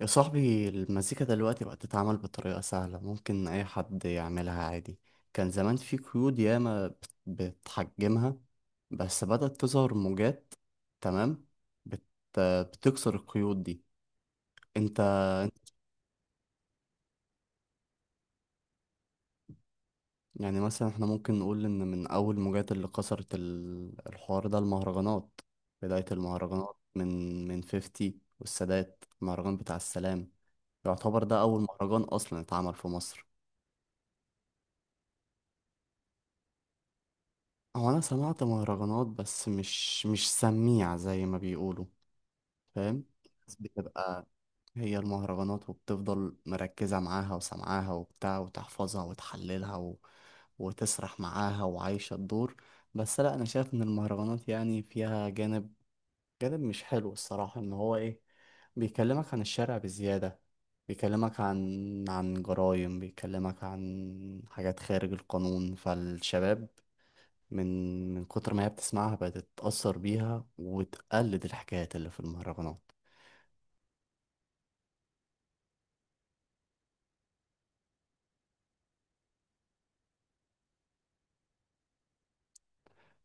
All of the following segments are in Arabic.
يا صاحبي المزيكا دلوقتي بقت تتعمل بطريقة سهلة، ممكن أي حد يعملها عادي. كان زمان في قيود ياما بتحجمها، بس بدأت تظهر موجات. تمام. بت... بتكسر القيود دي. انت يعني مثلا احنا ممكن نقول ان من أول موجات اللي كسرت الحوار ده المهرجانات. بداية المهرجانات من 50. والسادات المهرجان بتاع السلام، يعتبر ده أول مهرجان أصلا اتعمل في مصر. هو انا سمعت مهرجانات بس مش سميع زي ما بيقولوا. فاهم. بس بتبقى هي المهرجانات، وبتفضل مركزة معاها وسمعاها وبتاع، وتحفظها وتحللها وتسرح معاها وعايشة الدور. بس لا، انا شايف ان المهرجانات يعني فيها جانب، مش حلو الصراحة. ان هو ايه؟ بيكلمك عن الشارع بزيادة، بيكلمك عن جرائم، بيكلمك عن حاجات خارج القانون. فالشباب من من كتر ما هي بتسمعها بقت تتأثر بيها، وتقلد الحكايات اللي في المهرجانات.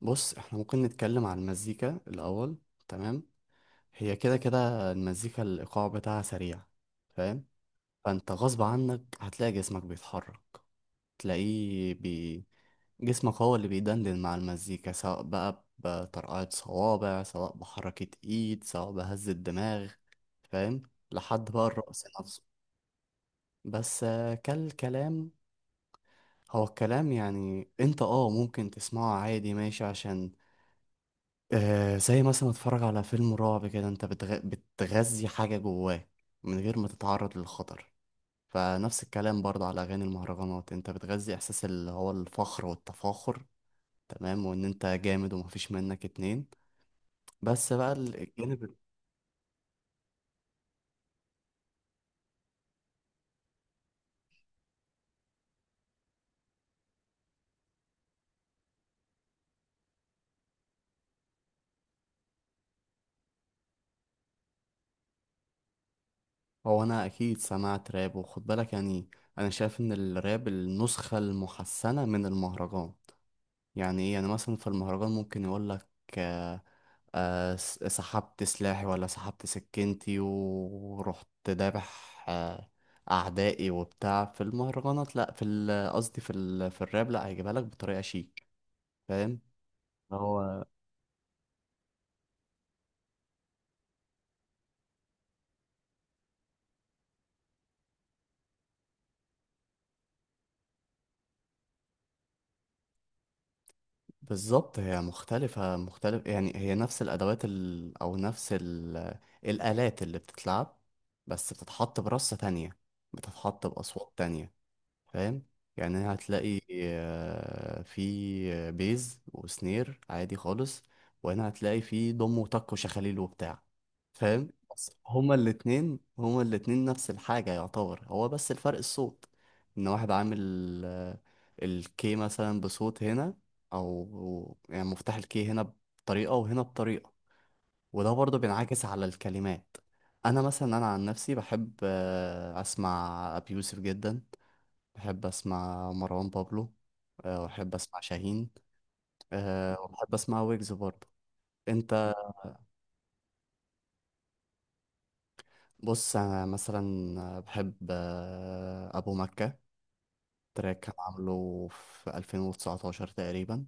بص، احنا ممكن نتكلم عن المزيكا الأول. تمام. هي كده كده المزيكا الإيقاع بتاعها سريع. فاهم. فأنت غصب عنك هتلاقي جسمك بيتحرك، تلاقيه بي... جسمك هو اللي بيدندن مع المزيكا، سواء بقى بطرقعة صوابع، سواء بحركة ايد، سواء بهز الدماغ. فاهم. لحد بقى الرقص نفسه. بس كالكلام، هو الكلام يعني انت ممكن تسمعه عادي ماشي، عشان زي مثلا اتفرج على فيلم رعب كده، انت بتغذي حاجة جواك من غير ما تتعرض للخطر. فنفس الكلام برضه على أغاني المهرجانات، انت بتغذي احساس اللي هو الفخر والتفاخر، تمام، وان انت جامد ومفيش منك اتنين. بس بقى الجانب، هو انا اكيد سمعت راب، وخد بالك يعني، انا شايف ان الراب النسخة المحسنة من المهرجان. يعني ايه؟ يعني مثلا في المهرجان ممكن يقولك سحبت سلاحي، ولا سحبت سكينتي ورحت دابح أعدائي وبتاع، في المهرجانات. لأ، في في الراب لأ، هيجيبها لك بطريقة شيك. فاهم. هو بالظبط هي مختلفة، يعني هي نفس الأدوات ال... أو نفس ال... الآلات اللي بتتلعب، بس بتتحط برصة تانية، بتتحط بأصوات تانية. فاهم. يعني هتلاقي في بيز وسنير عادي خالص، وهنا هتلاقي في ضم وتك وشخاليل وبتاع. فاهم. بس هما الاتنين نفس الحاجة يعتبر، هو بس الفرق الصوت. ان واحد عامل آه، الكي مثلا بصوت هنا، او يعني مفتاح الكي هنا بطريقة، وهنا بطريقة. وده برضه بينعكس على الكلمات. انا مثلا عن نفسي بحب اسمع ابي يوسف جدا. بحب اسمع مروان بابلو، وأحب أسمع شاهين، وبحب أسمع ويجز برضه. أنت بص، أنا مثلا بحب أبو مكة. تراك كان عامله في 2019 تقريبا.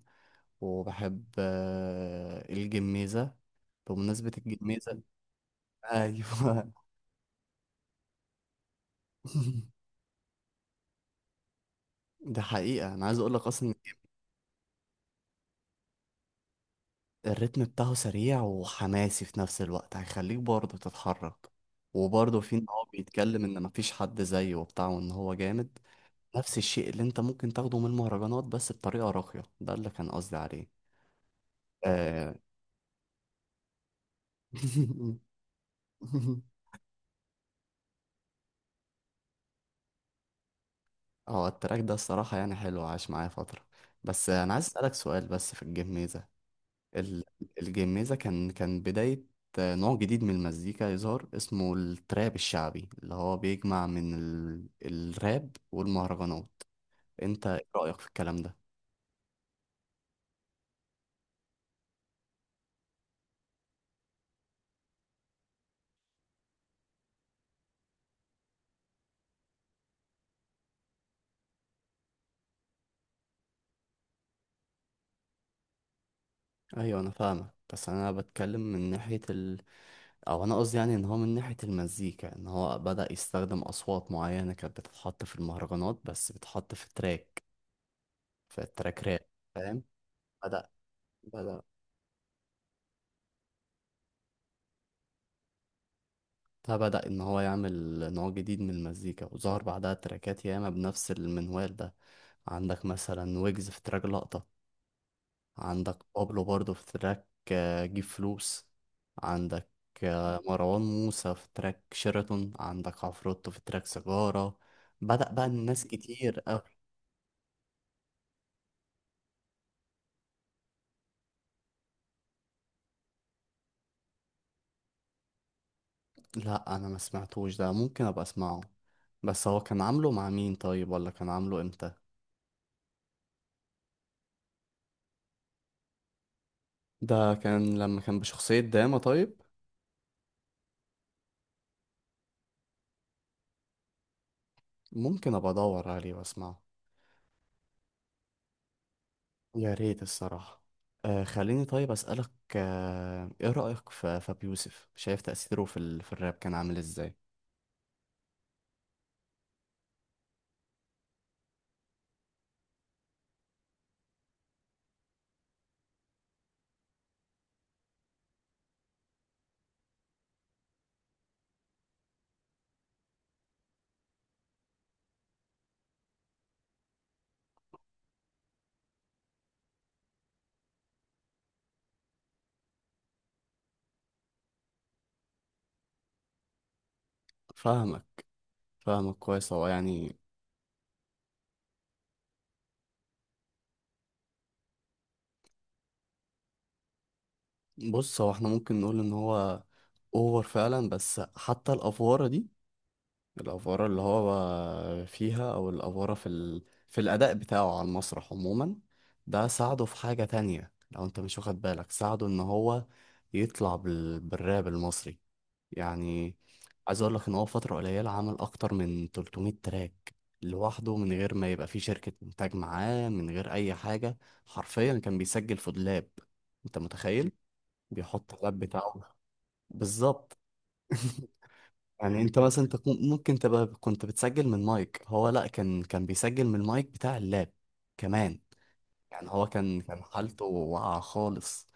وبحب الجميزة. بمناسبة الجميزة. أيوه. ده حقيقة أنا عايز أقول لك أصلا، الريتم بتاعه سريع وحماسي في نفس الوقت، هيخليك برضه تتحرك. وبرضه في ان هو بيتكلم ان مفيش حد زيه وبتاع، وان هو جامد. نفس الشيء اللي انت ممكن تاخده من المهرجانات، بس بطريقة راقية. ده اللي كان قصدي عليه. آه. هو التراك ده الصراحة يعني حلو، عاش معايا فترة. بس انا عايز اسألك سؤال. بس في الجيم ميزة، ال- الجميزة، كان بداية نوع جديد من المزيكا يظهر، اسمه التراب الشعبي، اللي هو بيجمع من الراب والمهرجانات. انت ايه رأيك في الكلام ده؟ ايوه، انا فاهمك، بس انا بتكلم من ناحية ال... او انا قصدي يعني ان هو من ناحية المزيكا، ان هو بدأ يستخدم اصوات معينة كانت بتتحط في المهرجانات، بس بتتحط في تراك، في تراك راب. فاهم؟ بدأ بدأ فبدأ إن هو يعمل نوع جديد من المزيكا، وظهر بعدها تراكات ياما بنفس المنوال ده. عندك مثلا ويجز في تراك لقطة، عندك بابلو برضه في تراك جيب فلوس، عندك مروان موسى في تراك شيراتون، عندك عفروتو في تراك سيجارة. بدأ بقى الناس كتير أوي. لا، أنا ما سمعتوش ده، ممكن أبقى أسمعه. بس هو كان عامله مع مين طيب؟ ولا كان عامله إمتى؟ ده كان لما كان بشخصية داما طيب. ممكن أبقى أدور عليه وأسمعه. يا ريت الصراحة. خليني طيب أسألك، إيه رأيك في فابي يوسف؟ شايف تأثيره في, في الراب كان عامل إزاي؟ فاهمك. فاهمك كويس. هو يعني بص، هو احنا ممكن نقول إن هو أوفر فعلا، بس حتى الأفوارة دي، الأفورة اللي هو فيها، أو الأفورة في في الأداء بتاعه على المسرح عموما، ده ساعده في حاجة تانية لو أنت مش واخد بالك. ساعده إن هو يطلع بالراب المصري. يعني عايز أقول لك إن هو فترة قليلة عمل أكتر من 300 تراك لوحده، من غير ما يبقى فيه شركة إنتاج معاه، من غير أي حاجة. حرفيا كان بيسجل في دولاب. أنت متخيل؟ بيحط اللاب بتاعه. بالظبط. يعني انت مثلا ممكن تبقى كنت بتسجل من مايك. هو لا، كان بيسجل من المايك بتاع اللاب كمان. يعني هو كان حالته واقعة خالص.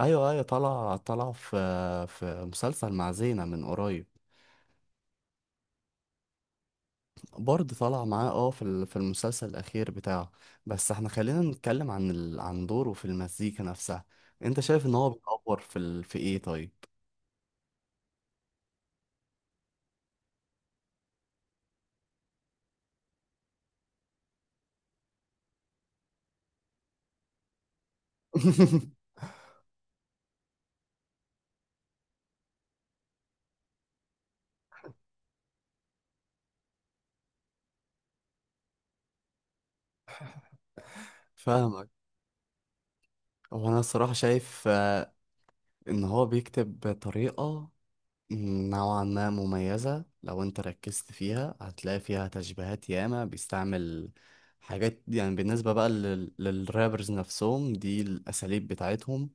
ايوه ايوه، طلع في في مسلسل مع زينة من قريب. برضه طلع معاه اه في في المسلسل الاخير بتاعه. بس احنا خلينا نتكلم عن عن دوره في المزيكا نفسها. انت شايف ان هو بيتطور في في ايه طيب؟ فاهمك. هو انا الصراحة شايف ان هو بيكتب بطريقة نوعا ما مميزة، لو انت ركزت فيها هتلاقي فيها تشبيهات ياما بيستعمل. حاجات يعني بالنسبة بقى للرابرز نفسهم، دي الأساليب بتاعتهم.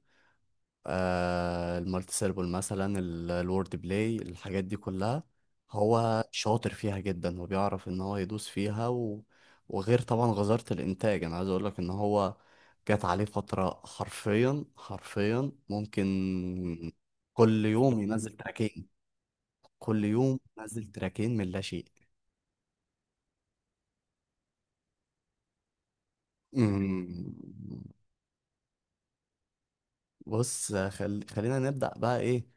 آه المالتي سيربل مثلا، الورد بلاي، الحاجات دي كلها هو شاطر فيها جدا، وبيعرف ان هو يدوس فيها وغير طبعا غزارة الإنتاج. أنا عايز أقولك إن هو جات عليه فترة، حرفيا ممكن كل يوم ينزل تراكين. كل يوم نزل تراكين من لا شيء. أمم، بص خلينا نبدأ بقى ايه،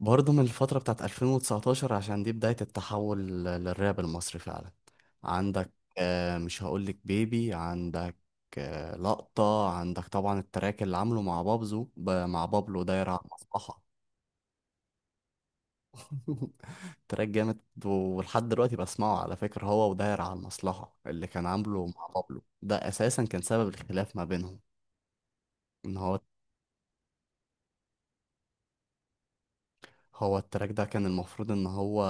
برضه من الفترة بتاعت 2019، عشان دي بداية التحول للراب المصري فعلا. عندك آه، مش هقولك بيبي. عندك آه لقطة. عندك طبعا التراك اللي عامله مع مع بابلو، دايرة على المصلحة. تراك جامد، ولحد دلوقتي بسمعه على فكرة. هو وداير على المصلحة اللي كان عامله مع بابلو ده، أساسا كان سبب الخلاف ما بينهم. ان هو هو التراك ده كان المفروض ان هو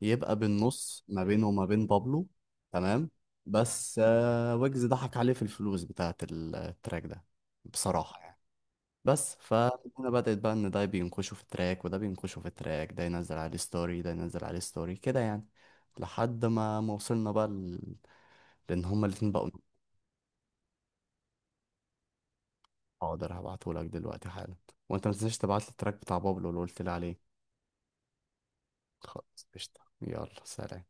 يبقى بالنص ما بينه وما بين بابلو. تمام. بس ويجز ضحك عليه في الفلوس بتاعت التراك ده، بصراحة يعني. بس فهنا بدأت بقى، ان ده بينكشوا في التراك، وده بينكشوا في التراك، ده ينزل عليه ستوري، ده ينزل عليه ستوري كده يعني، لحد ما وصلنا بقى لان هما الاتنين بقوا. حاضر، هبعتهولك دلوقتي حالا. وانت ما تنساش تبعت لي التراك بتاع بابلو اللي قلت لي عليه. خلاص قشطة، يلا سلام.